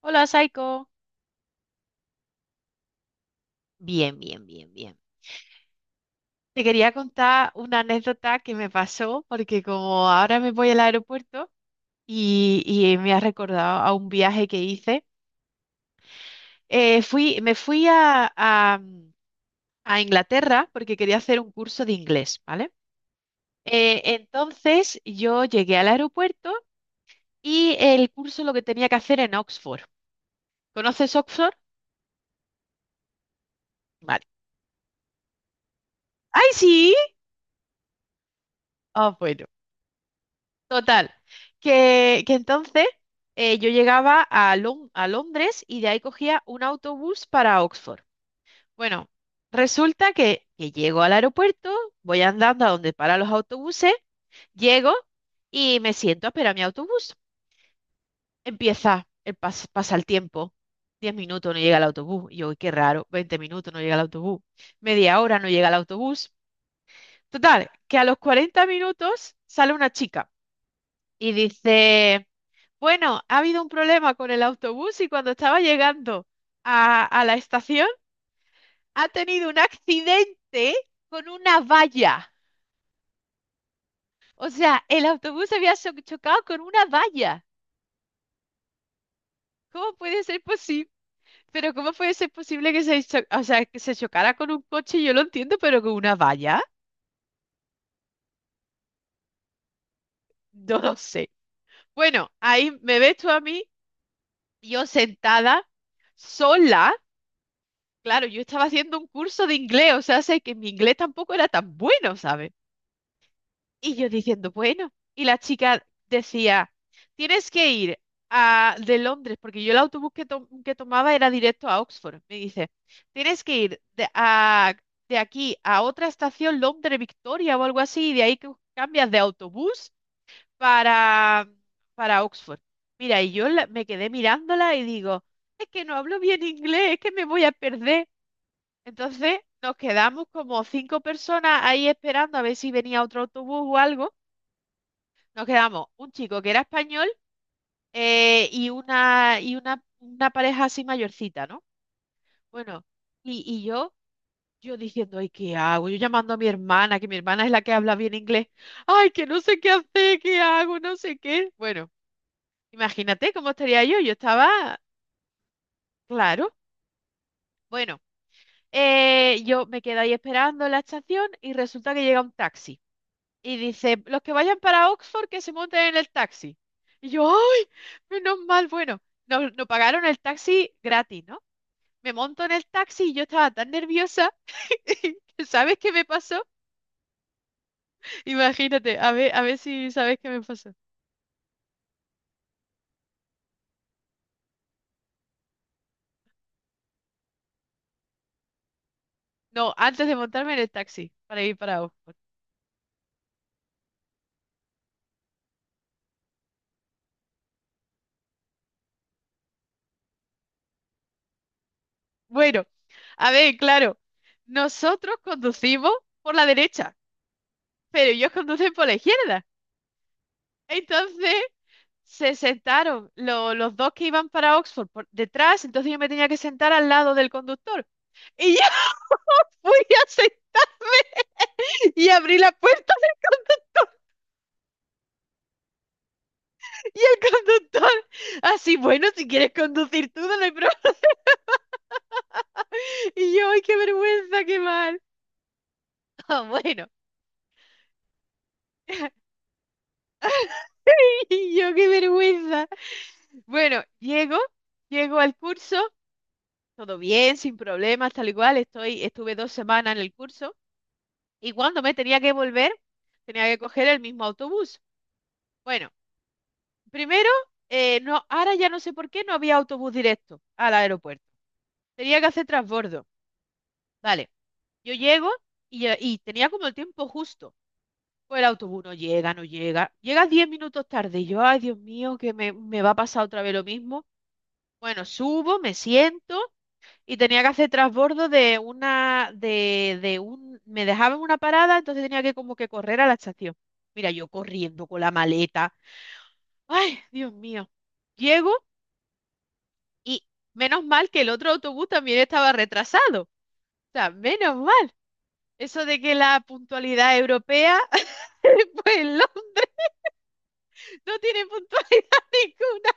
Hola, Saiko. Bien, bien, bien, bien. Te quería contar una anécdota que me pasó, porque como ahora me voy al aeropuerto y me ha recordado a un viaje que hice, me fui a Inglaterra porque quería hacer un curso de inglés, ¿vale? Entonces yo llegué al aeropuerto y el curso lo que tenía que hacer en Oxford. ¿Conoces Oxford? Vale. ¡Ay, sí! Ah, bueno. Total, que entonces yo llegaba a Londres y de ahí cogía un autobús para Oxford. Bueno, resulta que llego al aeropuerto, voy andando a donde paran los autobuses, llego y me siento a esperar mi autobús. Empieza, pasa el tiempo, 10 minutos no llega el autobús. Y yo, "Uy, qué raro, 20 minutos no llega el autobús, media hora no llega el autobús. Total, que a los 40 minutos sale una chica y dice... Bueno, ha habido un problema con el autobús y cuando estaba llegando a la estación ha tenido un accidente con una valla. O sea, el autobús había chocado con una valla. ¿Cómo puede ser posible? Pero ¿cómo puede ser posible que o sea, que se chocara con un coche? Yo lo entiendo, pero con una valla, no lo sé. Bueno, ahí me ves tú a mí, yo sentada, sola. Claro, yo estaba haciendo un curso de inglés, o sea, sé que mi inglés tampoco era tan bueno, ¿sabes? Y yo diciendo, bueno, y la chica decía, tienes que ir de Londres, porque yo el autobús que tomaba era directo a Oxford. Me dice, tienes que ir de aquí a otra estación, Londres Victoria o algo así, y de ahí que cambias de autobús para, para Oxford. Mira, y yo me quedé mirándola y digo, es que no hablo bien inglés, es que me voy a perder. Entonces nos quedamos como cinco personas ahí esperando a ver si venía otro autobús o algo. Nos quedamos un chico que era español y una pareja así mayorcita, ¿no? Bueno, y yo diciendo, ay, ¿qué hago? Yo llamando a mi hermana, que mi hermana es la que habla bien inglés. Ay, que no sé qué hacer, qué hago, no sé qué. Bueno, imagínate cómo estaría yo. Yo estaba, claro. Bueno, yo me quedé ahí esperando en la estación y resulta que llega un taxi. Y dice, los que vayan para Oxford que se monten en el taxi. Y yo, ¡ay! Menos mal, bueno, no, no pagaron el taxi gratis, ¿no? Me monto en el taxi y yo estaba tan nerviosa. ¿Sabes qué me pasó? Imagínate, a ver si sabes qué me pasó. No, antes de montarme en el taxi para ir para Oxford. Bueno, a ver, claro, nosotros conducimos por la derecha, pero ellos conducen por la izquierda. Entonces, se sentaron los dos que iban para Oxford por detrás, entonces yo me tenía que sentar al lado del conductor. Y ya fui y abrí la puerta y el conductor, así, bueno, si quieres conducir tú, no hay problema. Y yo, ay, qué vergüenza, qué mal. Ah, bueno, y yo, qué vergüenza. Bueno, llego, llego al curso, todo bien, sin problemas, tal y cual, estuve 2 semanas en el curso y cuando me tenía que volver, tenía que coger el mismo autobús. Bueno. Primero, no, ahora ya no sé por qué no había autobús directo al aeropuerto. Tenía que hacer transbordo. Vale, yo llego y y tenía como el tiempo justo. Pues el autobús no llega, no llega. Llega 10 minutos tarde. Y yo, ay, Dios mío, que me va a pasar otra vez lo mismo. Bueno, subo, me siento y tenía que hacer transbordo de una, de un, me dejaban una parada, entonces tenía que como que correr a la estación. Mira, yo corriendo con la maleta. Ay, Dios mío. Llego Y menos mal que el otro autobús también estaba retrasado. O sea, menos mal. Eso de que la puntualidad europea, pues en Londres no tiene puntualidad ninguna.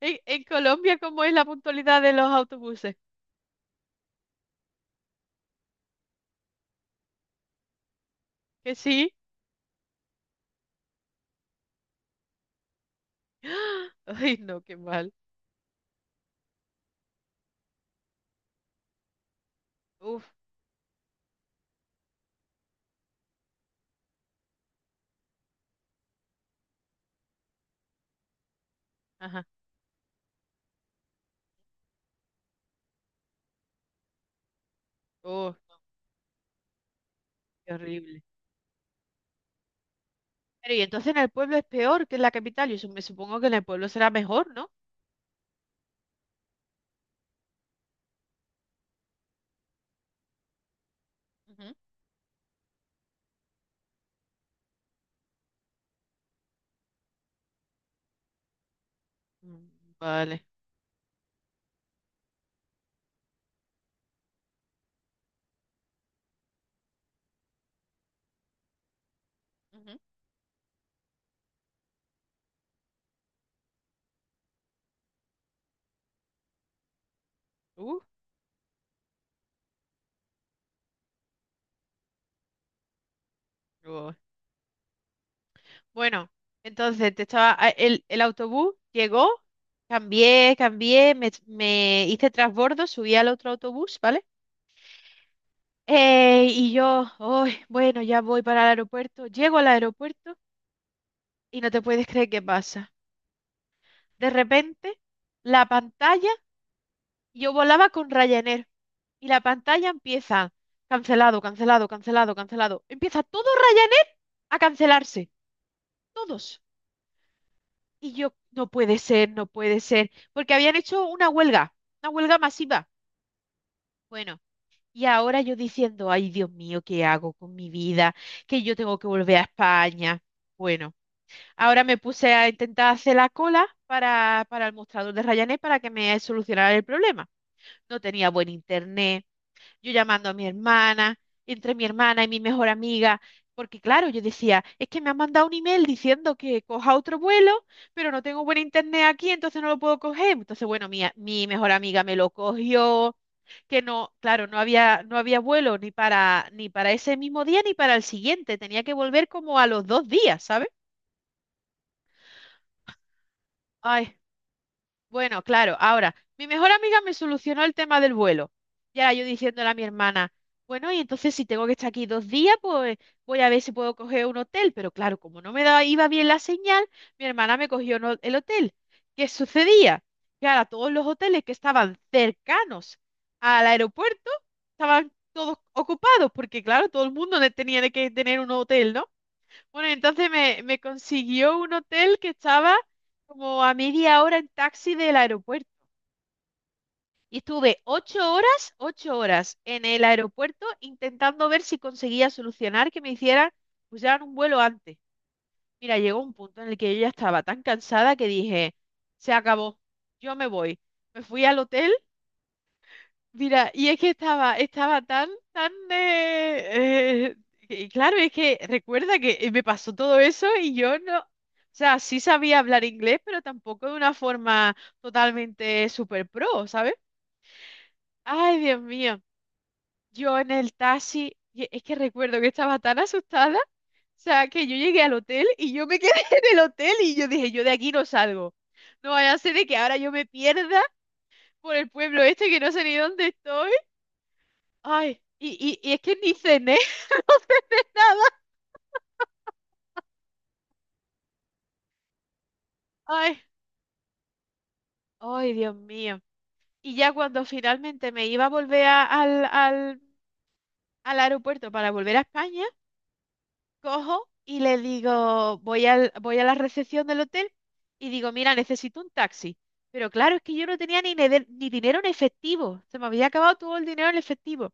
En Colombia, ¿cómo es la puntualidad de los autobuses? Que sí. Ay, no, qué mal. Uf, ajá. Oh, qué horrible. Pero y entonces en el pueblo es peor que en la capital. Yo me supongo que en el pueblo será mejor, ¿no? Ujú, Mm, Vale. ujú. Uf, oh, Bueno, entonces te estaba, a- el autobús llegó, cambié, me hice transbordo, subí al otro autobús, ¿vale? Y yo, "Ay, bueno, ya voy para el aeropuerto, llego al aeropuerto y no te puedes creer qué pasa. De repente, la pantalla, yo volaba con Ryanair y la pantalla empieza cancelado, cancelado, cancelado, cancelado. Empieza todo Ryanair a cancelarse, todos. Y yo, no puede ser, no puede ser, porque habían hecho una huelga masiva. Bueno, y ahora yo diciendo, ay, Dios mío, ¿qué hago con mi vida? Que yo tengo que volver a España. Bueno, ahora me puse a intentar hacer la cola para el mostrador de Ryanair para que me solucionara el problema. No tenía buen internet, yo llamando a mi hermana, entre mi hermana y mi mejor amiga, porque claro, yo decía, es que me han mandado un email diciendo que coja otro vuelo, pero no tengo buen internet aquí, entonces no lo puedo coger. Entonces, bueno, mi mejor amiga me lo cogió, que no, claro, no había, no había vuelo ni para, ni para ese mismo día ni para el siguiente, tenía que volver como a los 2 días, ¿sabes? Ay, Bueno, claro, ahora, mi mejor amiga me solucionó el tema del vuelo. Y ahora yo diciéndole a mi hermana, bueno, y entonces si tengo que estar aquí 2 días, pues voy a ver si puedo coger un hotel. Pero claro, como no me daba, iba bien la señal, mi hermana me cogió el hotel. ¿Qué sucedía? Que ahora todos los hoteles que estaban cercanos al aeropuerto estaban todos ocupados, porque claro, todo el mundo tenía que tener un hotel, ¿no? Bueno, entonces me consiguió un hotel que estaba como a media hora en taxi del aeropuerto. Y estuve 8 horas, 8 horas en el aeropuerto intentando ver si conseguía solucionar que me hicieran pusieran un vuelo antes. Mira, llegó un punto en el que yo ya estaba tan cansada que dije, se acabó, yo me voy. Me fui al hotel Mira, y es que estaba tan, tan... y claro, es que recuerda que me pasó todo eso y yo no... O sea, sí sabía hablar inglés, pero tampoco de una forma totalmente super pro, ¿sabes? Ay, Dios mío. Yo en el taxi, y es que recuerdo que estaba tan asustada, o sea, que yo llegué al hotel y yo me quedé en el hotel y yo dije, yo de aquí no salgo. No vaya a ser de que ahora yo me pierda por el pueblo este que no sé ni dónde estoy Ay, y es que ni cené nada. Ay, ay, Dios mío. Y ya cuando finalmente me iba a volver al al aeropuerto para volver a España, cojo y le digo, voy a la recepción del hotel y digo, mira, necesito un taxi. Pero claro, es que yo no tenía ni dinero en efectivo. Se me había acabado todo el dinero en efectivo.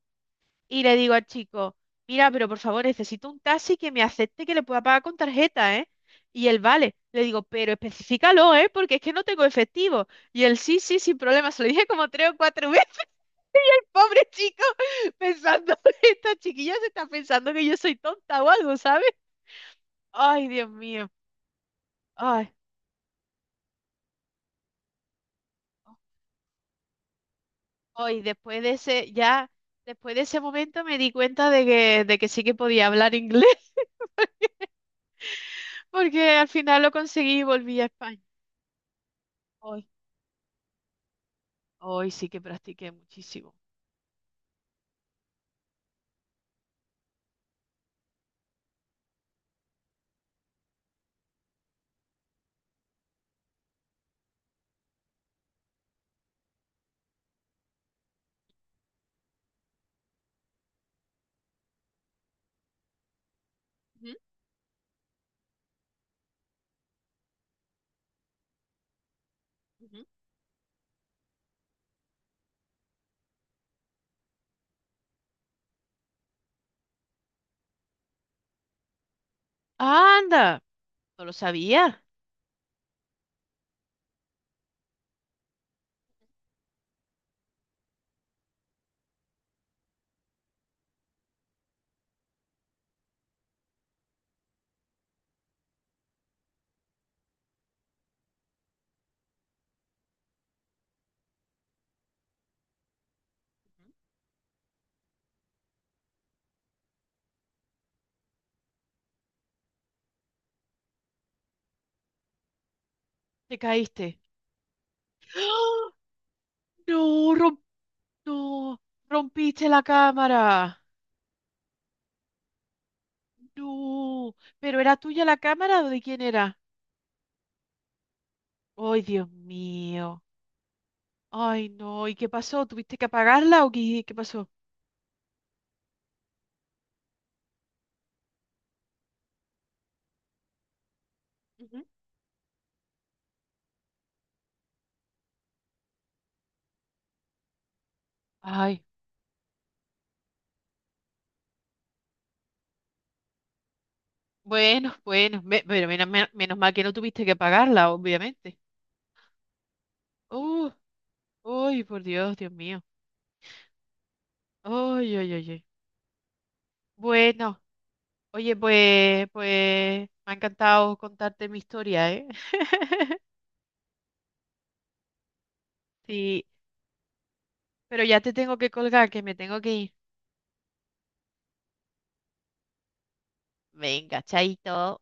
Y le digo al chico, mira, pero por favor, necesito un taxi que me acepte que le pueda pagar con tarjeta, ¿eh? Y él, vale. Le digo, pero especifícalo, ¿eh? Porque es que no tengo efectivo. Y él, sí, sí, sin problema. Se lo dije como tres o cuatro veces, pobre chico, pensando, esta chiquilla se está pensando que yo soy tonta o algo, ¿sabes? Ay, Dios mío. Ay, hoy después de ese, ya, después de ese momento me di cuenta de que sí que podía hablar inglés, porque al final lo conseguí y volví a España. Ay, Hoy sí que practiqué muchísimo. Ujú, ujú, ¡Anda! No lo sabía. Ujú. Te caíste. ¡Ah! No, rom- no, rompiste la cámara. No, pero ¿era tuya la cámara o de quién era? ¡Ay, Dios mío! ¡Ay, no! ¿Y qué pasó? ¿Tuviste que apagarla o qué pasó? Ujú. Ay, bueno, bueno, menos mal que no tuviste que apagarla, obviamente. Uh, uy, por Dios, Dios mío. ¡Ay ay ay! Uy. Bueno. Oye, pues me ha encantado contarte mi historia, ¿eh? Sí, pero ya te tengo que colgar, que me tengo que ir. Venga, chaito.